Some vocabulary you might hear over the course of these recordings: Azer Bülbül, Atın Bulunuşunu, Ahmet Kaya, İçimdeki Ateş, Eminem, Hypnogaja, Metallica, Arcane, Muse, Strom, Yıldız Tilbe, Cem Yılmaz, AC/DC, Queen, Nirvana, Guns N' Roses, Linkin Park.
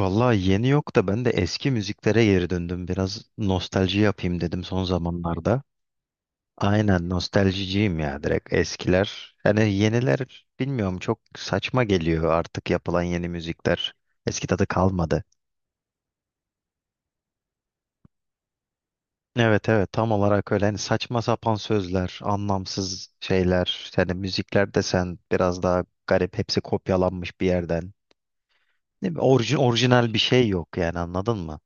Vallahi yeni yok da ben de eski müziklere geri döndüm. Biraz nostalji yapayım dedim son zamanlarda. Aynen nostaljiciyim ya direkt eskiler. Yani yeniler bilmiyorum çok saçma geliyor artık yapılan yeni müzikler. Eski tadı kalmadı. Evet, evet, tam olarak öyle. Hani saçma sapan sözler, anlamsız şeyler. Yani müzikler desen biraz daha garip. Hepsi kopyalanmış bir yerden. Ne bileyim, orijinal bir şey yok yani anladın mı?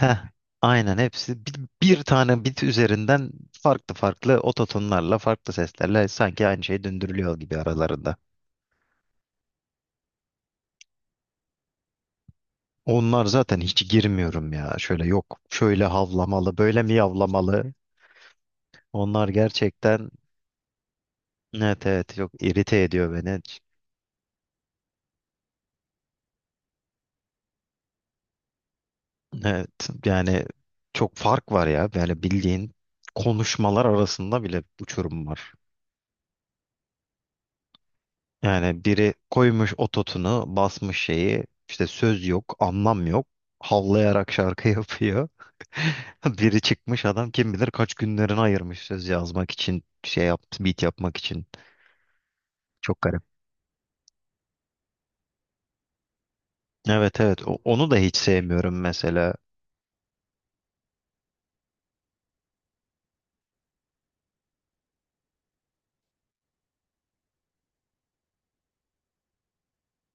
Heh, aynen hepsi bir tane bit üzerinden farklı farklı ototonlarla farklı seslerle sanki aynı şey döndürülüyor gibi aralarında. Onlar zaten hiç girmiyorum ya. Şöyle yok şöyle havlamalı böyle mi yavlamalı. Onlar gerçekten evet, evet, yok irite ediyor beni. Evet, yani çok fark var ya. Yani bildiğin konuşmalar arasında bile uçurum var. Yani biri koymuş ototunu, basmış şeyi, işte söz yok, anlam yok, havlayarak şarkı yapıyor. Biri çıkmış adam kim bilir kaç günlerini ayırmış söz yazmak için, şey yaptı, beat yapmak için. Çok garip. Evet, evet, onu da hiç sevmiyorum mesela.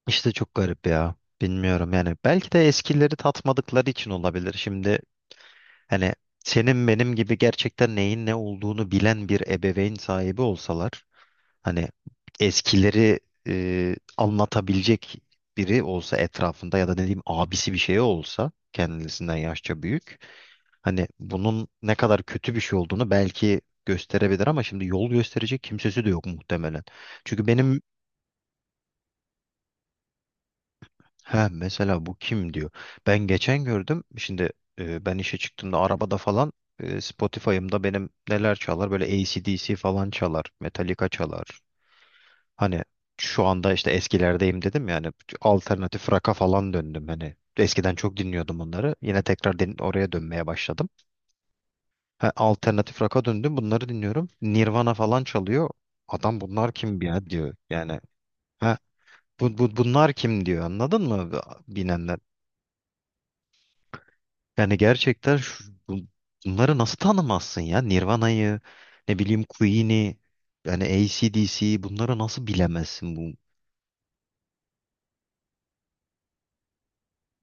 İşte çok garip ya. Bilmiyorum yani belki de eskileri tatmadıkları için olabilir. Şimdi hani senin benim gibi gerçekten neyin ne olduğunu bilen bir ebeveyn sahibi olsalar. Hani eskileri anlatabilecek biri olsa etrafında ya da ne diyeyim abisi bir şey olsa kendisinden yaşça büyük. Hani bunun ne kadar kötü bir şey olduğunu belki gösterebilir ama şimdi yol gösterecek kimsesi de yok muhtemelen. Çünkü benim ha mesela bu kim diyor. Ben geçen gördüm. Şimdi ben işe çıktığımda arabada falan Spotify'ımda benim neler çalar? Böyle AC/DC falan çalar, Metallica çalar. Hani şu anda işte eskilerdeyim dedim yani alternatif rock'a falan döndüm hani. Eskiden çok dinliyordum bunları. Yine tekrar oraya dönmeye başladım. Ha, alternatif rock'a döndüm. Bunları dinliyorum. Nirvana falan çalıyor. Adam bunlar kim ya diyor. Yani ha, bunlar kim diyor. Anladın mı bilenler? Yani gerçekten bunları nasıl tanımazsın ya? Nirvana'yı, ne bileyim Queen'i, yani AC/DC bunları nasıl bilemezsin? Bu...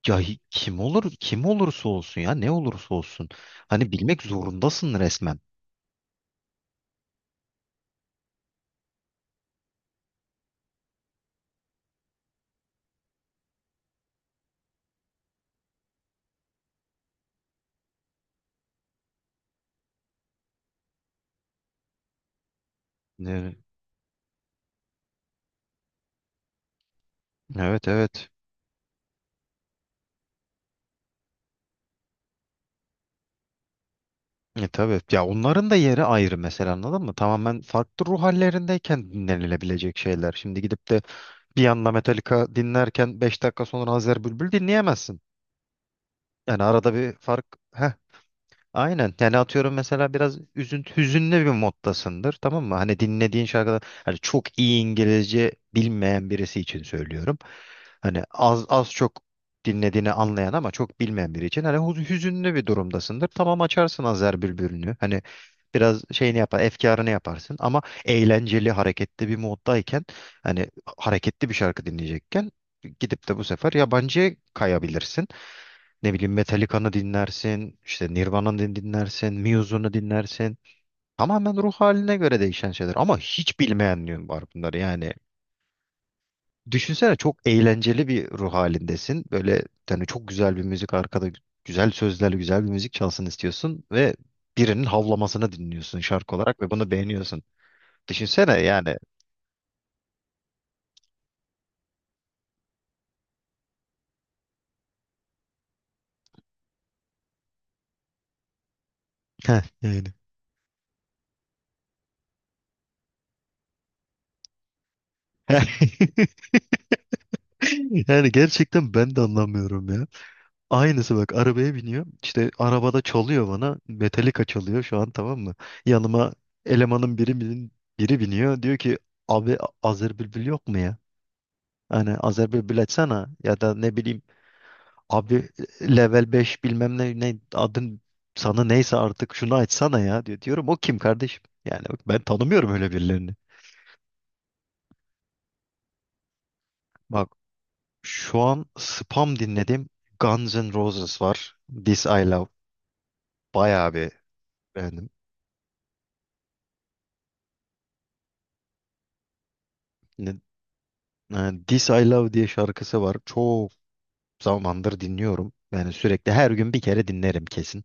Kim olur kim olursa olsun ya ne olursa olsun. Hani bilmek zorundasın resmen. Ne- Evet, evet. Tabii. Ya onların da yeri ayrı mesela anladın mı? Tamamen farklı ruh hallerindeyken dinlenilebilecek şeyler. Şimdi gidip de bir yanda Metallica dinlerken 5 dakika sonra Azer Bülbül dinleyemezsin. Yani arada bir fark. Heh, Aynen. Yani atıyorum mesela biraz üzüntü, hüzünlü bir moddasındır. Tamam mı? Hani dinlediğin şarkıda hani çok iyi İngilizce bilmeyen birisi için söylüyorum. Hani az az çok dinlediğini anlayan ama çok bilmeyen biri için hani hüzünlü bir durumdasındır. Tamam açarsın Azer Bülbül'ünü. Hani biraz şeyini yapar, efkarını yaparsın ama eğlenceli, hareketli bir moddayken hani hareketli bir şarkı dinleyecekken gidip de bu sefer yabancıya kayabilirsin. Ne bileyim Metallica'nı dinlersin, işte Nirvana'nı dinlersin, Muse'unu dinlersin. Tamamen ruh haline göre değişen şeyler ama hiç bilmeyenliğin var bunları yani. Düşünsene çok eğlenceli bir ruh halindesin. Böyle yani çok güzel bir müzik arkada güzel sözlerle güzel bir müzik çalsın istiyorsun ve birinin havlamasını dinliyorsun şarkı olarak ve bunu beğeniyorsun. Düşünsene yani. Yani. Yani gerçekten ben de anlamıyorum ya. Aynısı bak arabaya biniyor. İşte arabada çalıyor bana. Metallica çalıyor şu an tamam mı? Yanıma elemanın biri, biri biniyor. Diyor ki abi Azer Bülbül yok mu ya? Hani Azer Bülbül açsana ya da ne bileyim abi level 5 bilmem ne, ne adın sana neyse artık şunu açsana ya diyor. Diyorum o kim kardeşim? Yani bak, ben tanımıyorum öyle birilerini. Bak şu an spam dinledim. Guns N' Roses var. This I Love. Bayağı bir beğendim. This I Love diye şarkısı var. Çok zamandır dinliyorum. Yani sürekli her gün bir kere dinlerim kesin.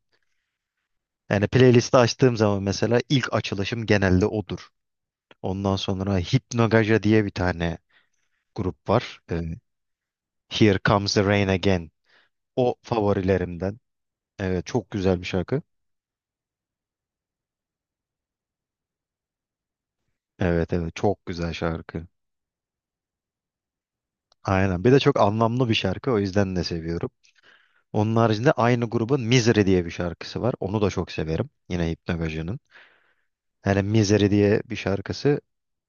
Yani playlisti açtığım zaman mesela ilk açılışım genelde odur. Ondan sonra Hypnogaja diye bir tane grup var. Here Comes the Rain Again. O favorilerimden. Evet çok güzel bir şarkı. Evet, evet çok güzel şarkı. Aynen. Bir de çok anlamlı bir şarkı. O yüzden de seviyorum. Onun haricinde aynı grubun Misery diye bir şarkısı var. Onu da çok severim. Yine Hypnogaja'nın. Yani Misery diye bir şarkısı.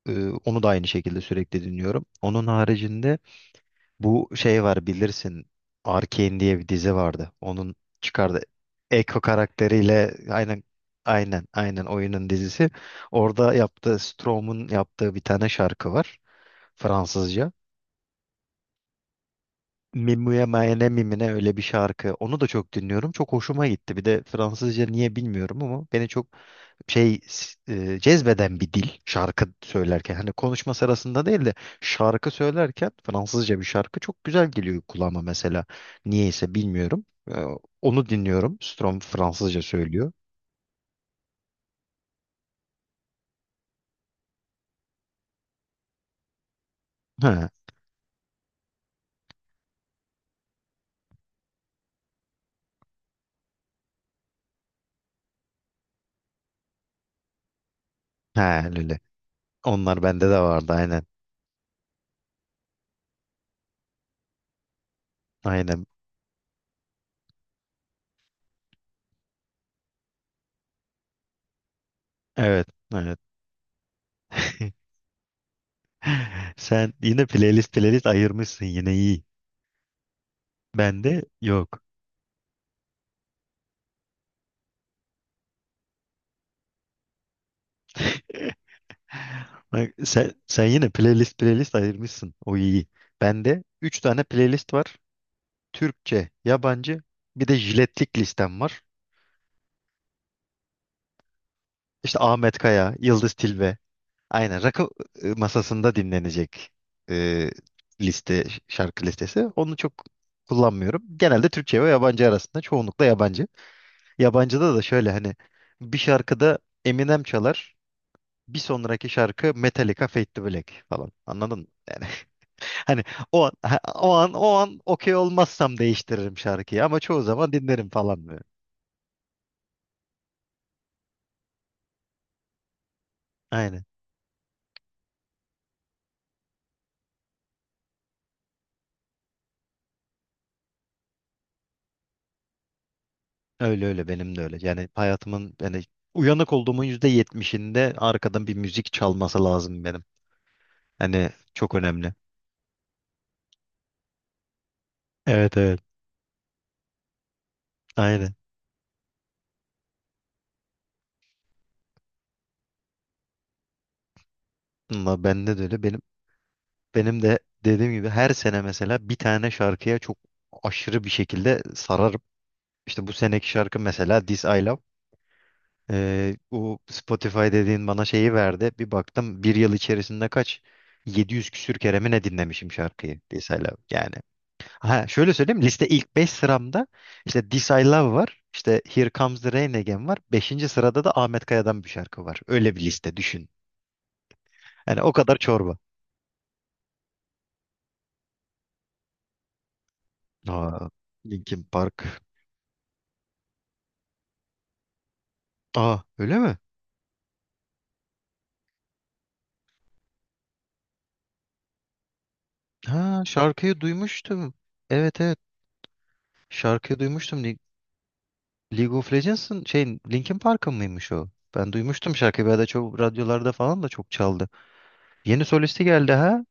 Onu da aynı şekilde sürekli dinliyorum. Onun haricinde bu şey var bilirsin. Arcane diye bir dizi vardı. Onun çıkardı. Echo karakteriyle aynen oyunun dizisi. Orada yaptığı Strom'un yaptığı bir tane şarkı var. Fransızca. Mimuya Mayene Mimine öyle bir şarkı. Onu da çok dinliyorum. Çok hoşuma gitti. Bir de Fransızca niye bilmiyorum ama beni çok şey cezbeden bir dil şarkı söylerken. Hani konuşma sırasında değil de şarkı söylerken Fransızca bir şarkı çok güzel geliyor kulağıma mesela. Niyeyse bilmiyorum. E, onu dinliyorum. Strom Fransızca söylüyor. Ha, ha öyle. Onlar bende de vardı aynen. Aynen. Evet. Evet. Sen yine playlist playlist ayırmışsın yine iyi. Bende yok. Bak sen yine playlist playlist ayırmışsın. O iyi. Bende 3 tane playlist var. Türkçe, yabancı, bir de jiletlik listem var. İşte Ahmet Kaya, Yıldız Tilbe. Aynen rakı masasında dinlenecek e, liste, şarkı listesi. Onu çok kullanmıyorum. Genelde Türkçe ve yabancı arasında. Çoğunlukla yabancı. Yabancıda da şöyle hani bir şarkıda Eminem çalar. Bir sonraki şarkı Metallica Fade to Black falan. Anladın mı? Yani hani o an okey olmazsam değiştiririm şarkıyı ama çoğu zaman dinlerim falan böyle. Aynen. Öyle öyle benim de öyle. Yani hayatımın yani uyanık olduğumun %70'inde arkadan bir müzik çalması lazım benim. Hani çok önemli. Evet, evet. Aynen. Ama bende de öyle. Benim de dediğim gibi her sene mesela bir tane şarkıya çok aşırı bir şekilde sararım. İşte bu seneki şarkı mesela This I Love. O Spotify dediğin bana şeyi verdi. Bir baktım bir yıl içerisinde 700 küsür kere mi ne dinlemişim şarkıyı This I Love yani. Ha, şöyle söyleyeyim liste ilk 5 sıramda işte This I Love var. İşte Here Comes the Rain Again var. Beşinci sırada da Ahmet Kaya'dan bir şarkı var. Öyle bir liste düşün. Yani o kadar çorba. Aa, Linkin Park. Aa öyle mi? Ha şarkıyı duymuştum. Evet, evet şarkıyı duymuştum. League of Legends'ın şey Linkin Park'ın mıymış o? Ben duymuştum şarkıyı. Bir ara çok radyolarda falan da çok çaldı. Yeni solisti geldi ha?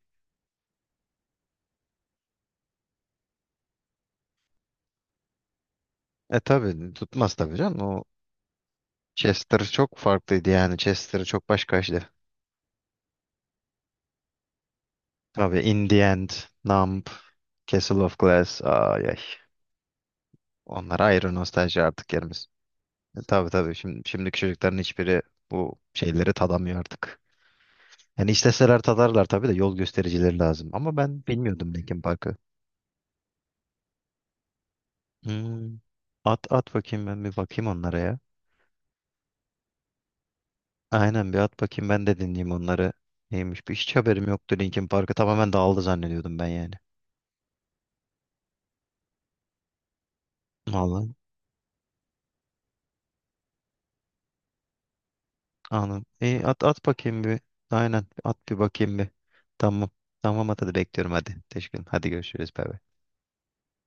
E tabi tutmaz tabii canım. O Chester çok farklıydı yani. Chester çok başkaydı. Tabii In The End, Numb, Castle of Glass. Ay ay. Onlar ayrı nostalji artık yerimiz. Tabii tabii. Şimdiki çocukların hiçbiri bu şeyleri tadamıyor artık. Yani isteseler tadarlar tabii de yol göstericileri lazım. Ama ben bilmiyordum Linkin Park'ı. Hmm. At at bakayım ben bir bakayım onlara ya. Aynen bir at bakayım ben de dinleyeyim onları. Neymiş bir hiç haberim yoktu Linkin Park'ı tamamen dağıldı zannediyordum ben yani. Vallahi anladım. İyi at at bakayım bir. Aynen at bir bakayım bir. Tamam. Tamam at hadi bekliyorum hadi. Teşekkür ederim. Hadi görüşürüz. Bay bay.